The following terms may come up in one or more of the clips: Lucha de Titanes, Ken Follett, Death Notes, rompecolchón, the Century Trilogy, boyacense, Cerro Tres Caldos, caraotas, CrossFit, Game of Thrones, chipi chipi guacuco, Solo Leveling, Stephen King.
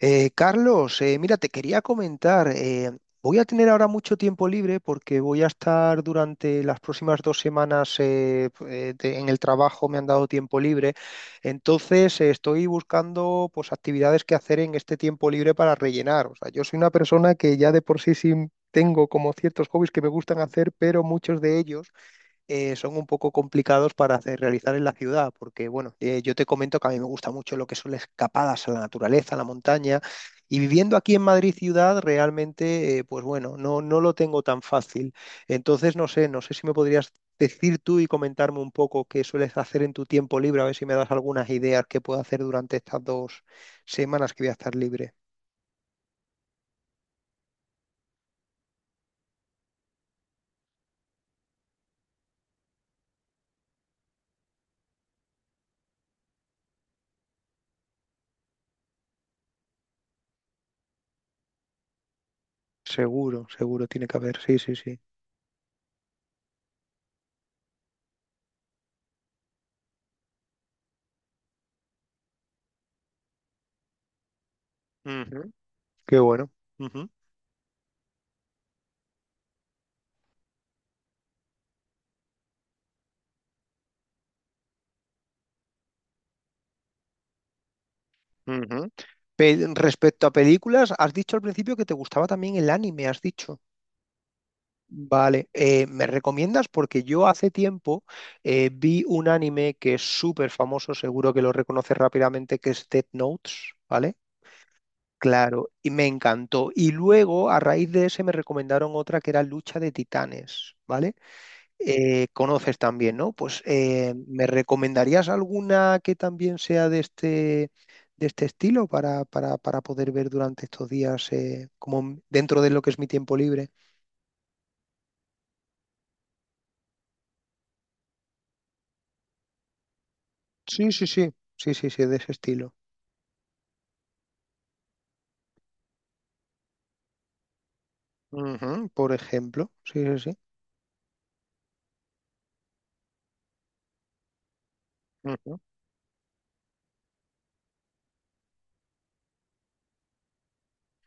Carlos, mira, te quería comentar, voy a tener ahora mucho tiempo libre porque voy a estar durante las próximas 2 semanas en el trabajo, me han dado tiempo libre. Entonces, estoy buscando pues actividades que hacer en este tiempo libre para rellenar. O sea, yo soy una persona que ya de por sí, sí tengo como ciertos hobbies que me gustan hacer, pero muchos de ellos son un poco complicados para hacer, realizar en la ciudad, porque bueno, yo te comento que a mí me gusta mucho lo que son las escapadas a la naturaleza, a la montaña, y viviendo aquí en Madrid ciudad, realmente, pues bueno, no, no lo tengo tan fácil. Entonces, no sé si me podrías decir tú y comentarme un poco qué sueles hacer en tu tiempo libre, a ver si me das algunas ideas que puedo hacer durante estas 2 semanas que voy a estar libre. Seguro, seguro, tiene que haber, sí, sí, sí. Ujú. Qué bueno. Ujú. Respecto a películas, has dicho al principio que te gustaba también el anime, has dicho. Vale, ¿me recomiendas? Porque yo hace tiempo vi un anime que es súper famoso, seguro que lo reconoces rápidamente, que es Death Notes, ¿vale? Claro, y me encantó. Y luego, a raíz de ese, me recomendaron otra que era Lucha de Titanes, ¿vale? Conoces también, ¿no? Pues ¿me recomendarías alguna que también sea de este estilo para, para poder ver durante estos días, como dentro de lo que es mi tiempo libre? Sí, sí, sí, sí, sí, sí, de ese estilo. Ujú, por ejemplo, sí, sí, sí. Ujú,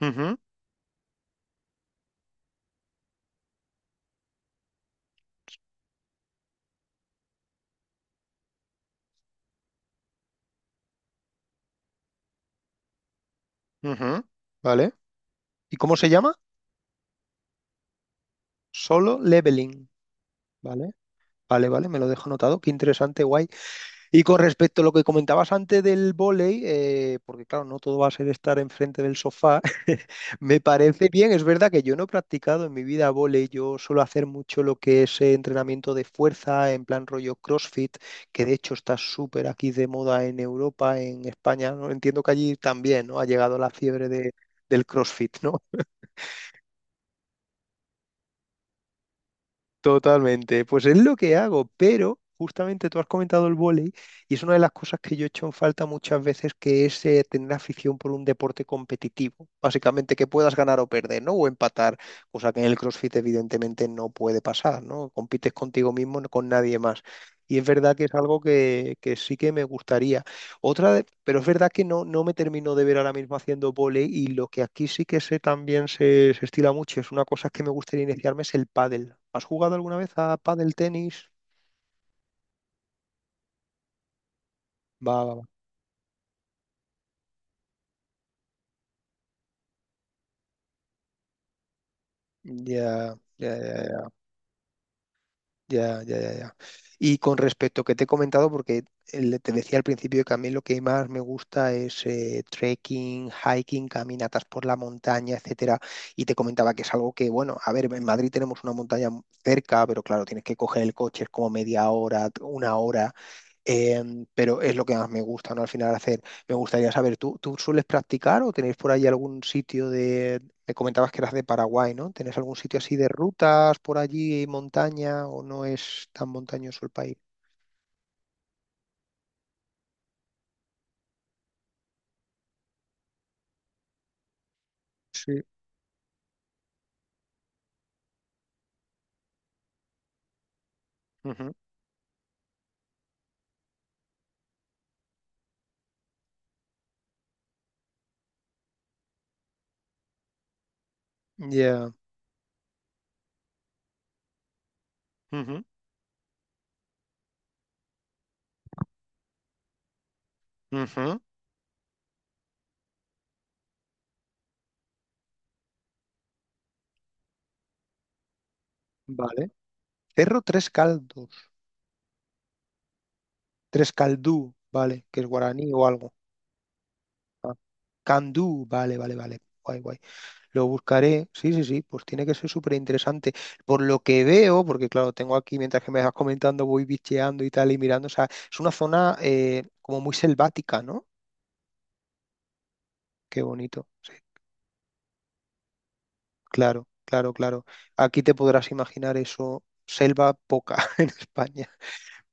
ujú, ujú. ¿Vale? ¿Y cómo se llama? Solo Leveling. ¿Vale? Vale, vale, me lo dejo anotado. Qué interesante, guay. Y con respecto a lo que comentabas antes del vóley, porque claro, no todo va a ser estar enfrente del sofá, me parece bien, es verdad que yo no he practicado en mi vida vóley, yo suelo hacer mucho lo que es entrenamiento de fuerza en plan rollo CrossFit, que de hecho está súper aquí de moda en Europa, en España, ¿no? Entiendo que allí también, ¿no? Ha llegado la fiebre del CrossFit, ¿no? Totalmente, pues es lo que hago, pero justamente tú has comentado el vóley y es una de las cosas que yo he hecho en falta muchas veces, que es tener afición por un deporte competitivo, básicamente que puedas ganar o perder, ¿no? O empatar, cosa que en el CrossFit evidentemente no puede pasar, ¿no? Compites contigo mismo, no con nadie más. Y es verdad que es algo que sí que me gustaría. Pero es verdad que no me termino de ver ahora mismo haciendo vóley, y lo que aquí sí que sé también se estila mucho, es una cosa que me gustaría iniciarme, es el pádel. ¿Has jugado alguna vez a pádel tenis? Va, va, va. Ya, ya, ya, ya, ya, ya, ya. Ya. Y con respecto que te he comentado, porque te decía al principio que a mí lo que más me gusta es trekking, hiking, caminatas por la montaña, etcétera. Y te comentaba que es algo que, bueno, a ver, en Madrid tenemos una montaña cerca, pero claro, tienes que coger el coche, es como media hora, una hora. Pero es lo que más me gusta, ¿no? Al final hacer. Me gustaría saber, ¿tú sueles practicar o tenéis por ahí algún sitio de...? Me comentabas que eras de Paraguay, ¿no? ¿Tenés algún sitio así de rutas por allí, montaña, o no es tan montañoso el país? Sí. Ujú. Ya. Ujú. Ujú. Vale. Cerro Tres Caldos. Tres Caldú, vale, que es guaraní o algo. Candú, vale, vale, vale. Guay, guay. Lo buscaré, sí, sí, sí, pues tiene que ser súper interesante. Por lo que veo, porque claro, tengo aquí, mientras que me vas comentando, voy bicheando y tal y mirando, o sea, es una zona, como muy selvática, ¿no? Qué bonito, sí, claro, claro, claro. Aquí te podrás imaginar eso, selva poca en España.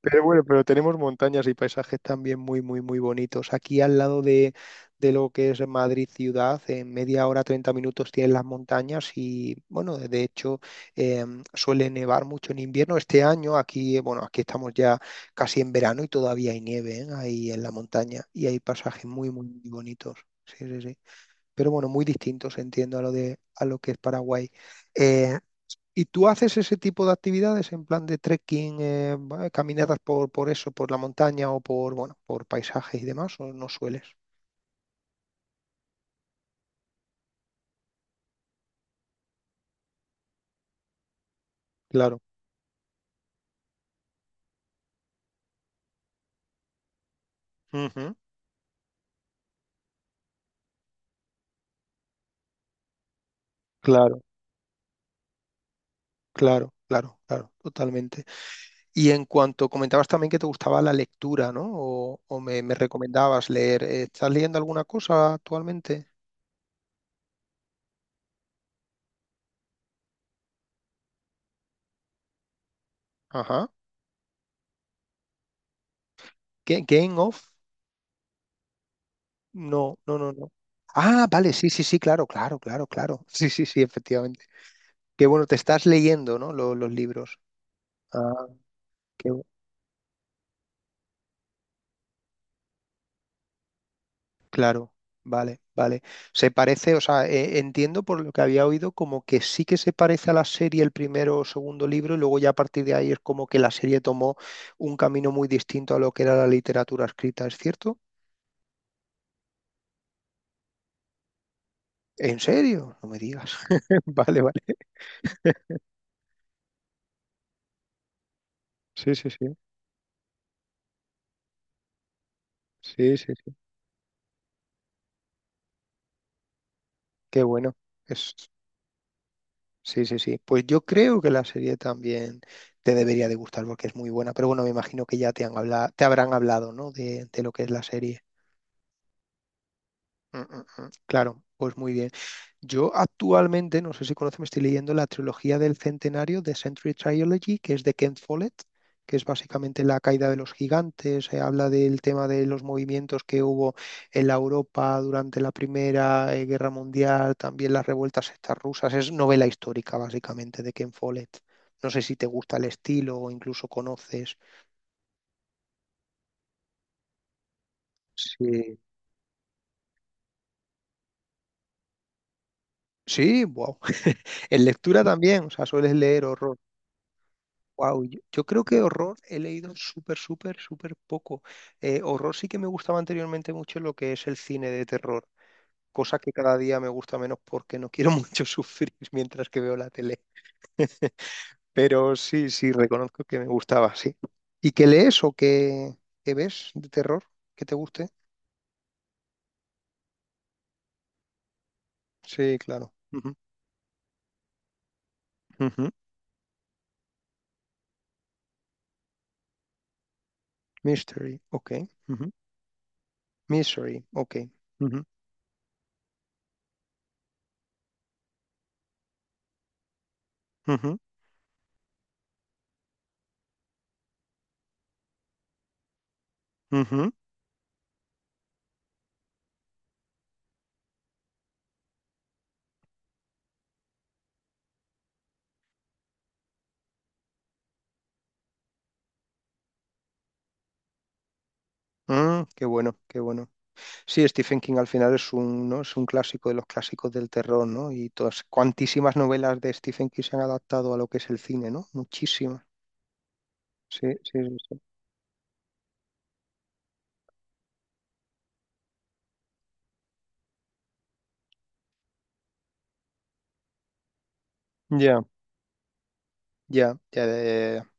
Pero bueno, pero tenemos montañas y paisajes también muy, muy, muy bonitos. Aquí al lado de lo que es Madrid ciudad, en media hora, 30 minutos tienes las montañas. Y bueno, de hecho, eh, suele nevar mucho en invierno. Este año aquí, bueno, aquí estamos ya casi en verano y todavía hay nieve, ¿eh? Ahí en la montaña y hay pasajes muy, muy, muy bonitos. Sí, sí, sí. Pero bueno, muy distintos, entiendo, a lo que es Paraguay. Eh, ¿Y tú haces ese tipo de actividades en plan de trekking, va, caminatas por eso, por la montaña o por, bueno, por paisajes y demás? ¿O no sueles? Claro. Ujú. Claro, claro, claro, claro, totalmente. Y en cuanto comentabas también que te gustaba la lectura, ¿no? O me recomendabas leer. ¿Estás leyendo alguna cosa actualmente? Ajá. ¿Game of? No, no, no, no. Ah, vale, sí, sí, sí, claro, claro, claro, claro. Sí, sí, sí, efectivamente. Que bueno, te estás leyendo, ¿no? Los libros. Ah. Qué bu- claro, vale, vale. Se parece, o sea, entiendo por lo que había oído como que sí que se parece a la serie el primero o segundo libro y luego ya a partir de ahí es como que la serie tomó un camino muy distinto a lo que era la literatura escrita, ¿es cierto? ¿En serio? No me digas. Vale, vale. Sí, sí, sí. Sí, sí, sí. Qué bueno. Es... Sí, sí, sí. Pues yo creo que la serie también te debería de gustar porque es muy buena, pero bueno, me imagino que ya te habrán hablado, ¿no? De lo que es la serie. Mm, mm, mm. Claro, pues muy bien. Yo actualmente, no sé si conoces, me estoy leyendo la trilogía del centenario, the Century Trilogy, que es de Ken Follett, que es básicamente la caída de los gigantes. Se habla del tema de los movimientos que hubo en la Europa durante la Primera Guerra Mundial, también las revueltas estas rusas. Es novela histórica, básicamente, de Ken Follett. No sé si te gusta el estilo o incluso conoces. Sí. Sí, wow. En lectura también, o sea, sueles leer horror. Wow, yo creo que horror he leído súper, súper, súper poco. Horror sí que me gustaba anteriormente mucho lo que es el cine de terror, cosa que cada día me gusta menos porque no quiero mucho sufrir mientras que veo la tele. Pero sí, sí, reconozco que me gustaba, sí. ¿Y qué lees o qué ves de terror que te guste? Sí, claro. Ujú, ujú. Mystery, ok. Ujú. Mystery, ok. Ujú, ujú, ujú. Mm, qué bueno, qué bueno. Sí, Stephen King al final es un, ¿no? es un clásico de los clásicos del terror, ¿no? Y todas, cuantísimas novelas de Stephen King se han adaptado a lo que es el cine, ¿no? Muchísimas. Sí, sí, sí. Sí. Ya, ya, ya, ya, ya, ya.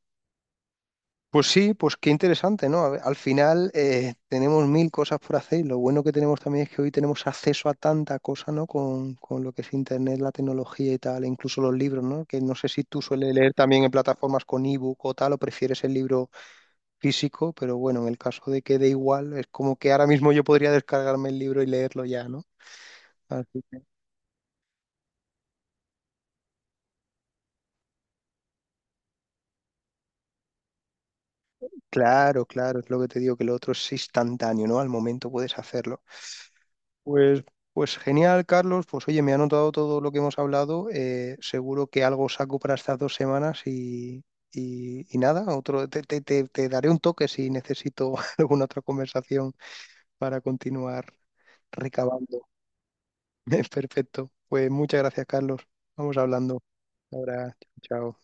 Pues sí, pues qué interesante, ¿no? A ver, al final tenemos mil cosas por hacer y lo bueno que tenemos también es que hoy tenemos acceso a tanta cosa, ¿no? Con lo que es Internet, la tecnología y tal, e incluso los libros, ¿no? Que no sé si tú sueles leer también en plataformas con ebook o tal, o prefieres el libro físico, pero bueno, en el caso de que dé igual, es como que ahora mismo yo podría descargarme el libro y leerlo ya, ¿no? Así que, claro, claro, es lo que te digo, que lo otro es instantáneo, ¿no? Al momento puedes hacerlo. Pues, pues genial, Carlos. Pues oye, me ha anotado todo lo que hemos hablado. Seguro que algo saco para estas 2 semanas y nada, otro, te daré un toque si necesito alguna otra conversación para continuar recabando. Perfecto. Pues muchas gracias, Carlos. Vamos hablando. Ahora, chao.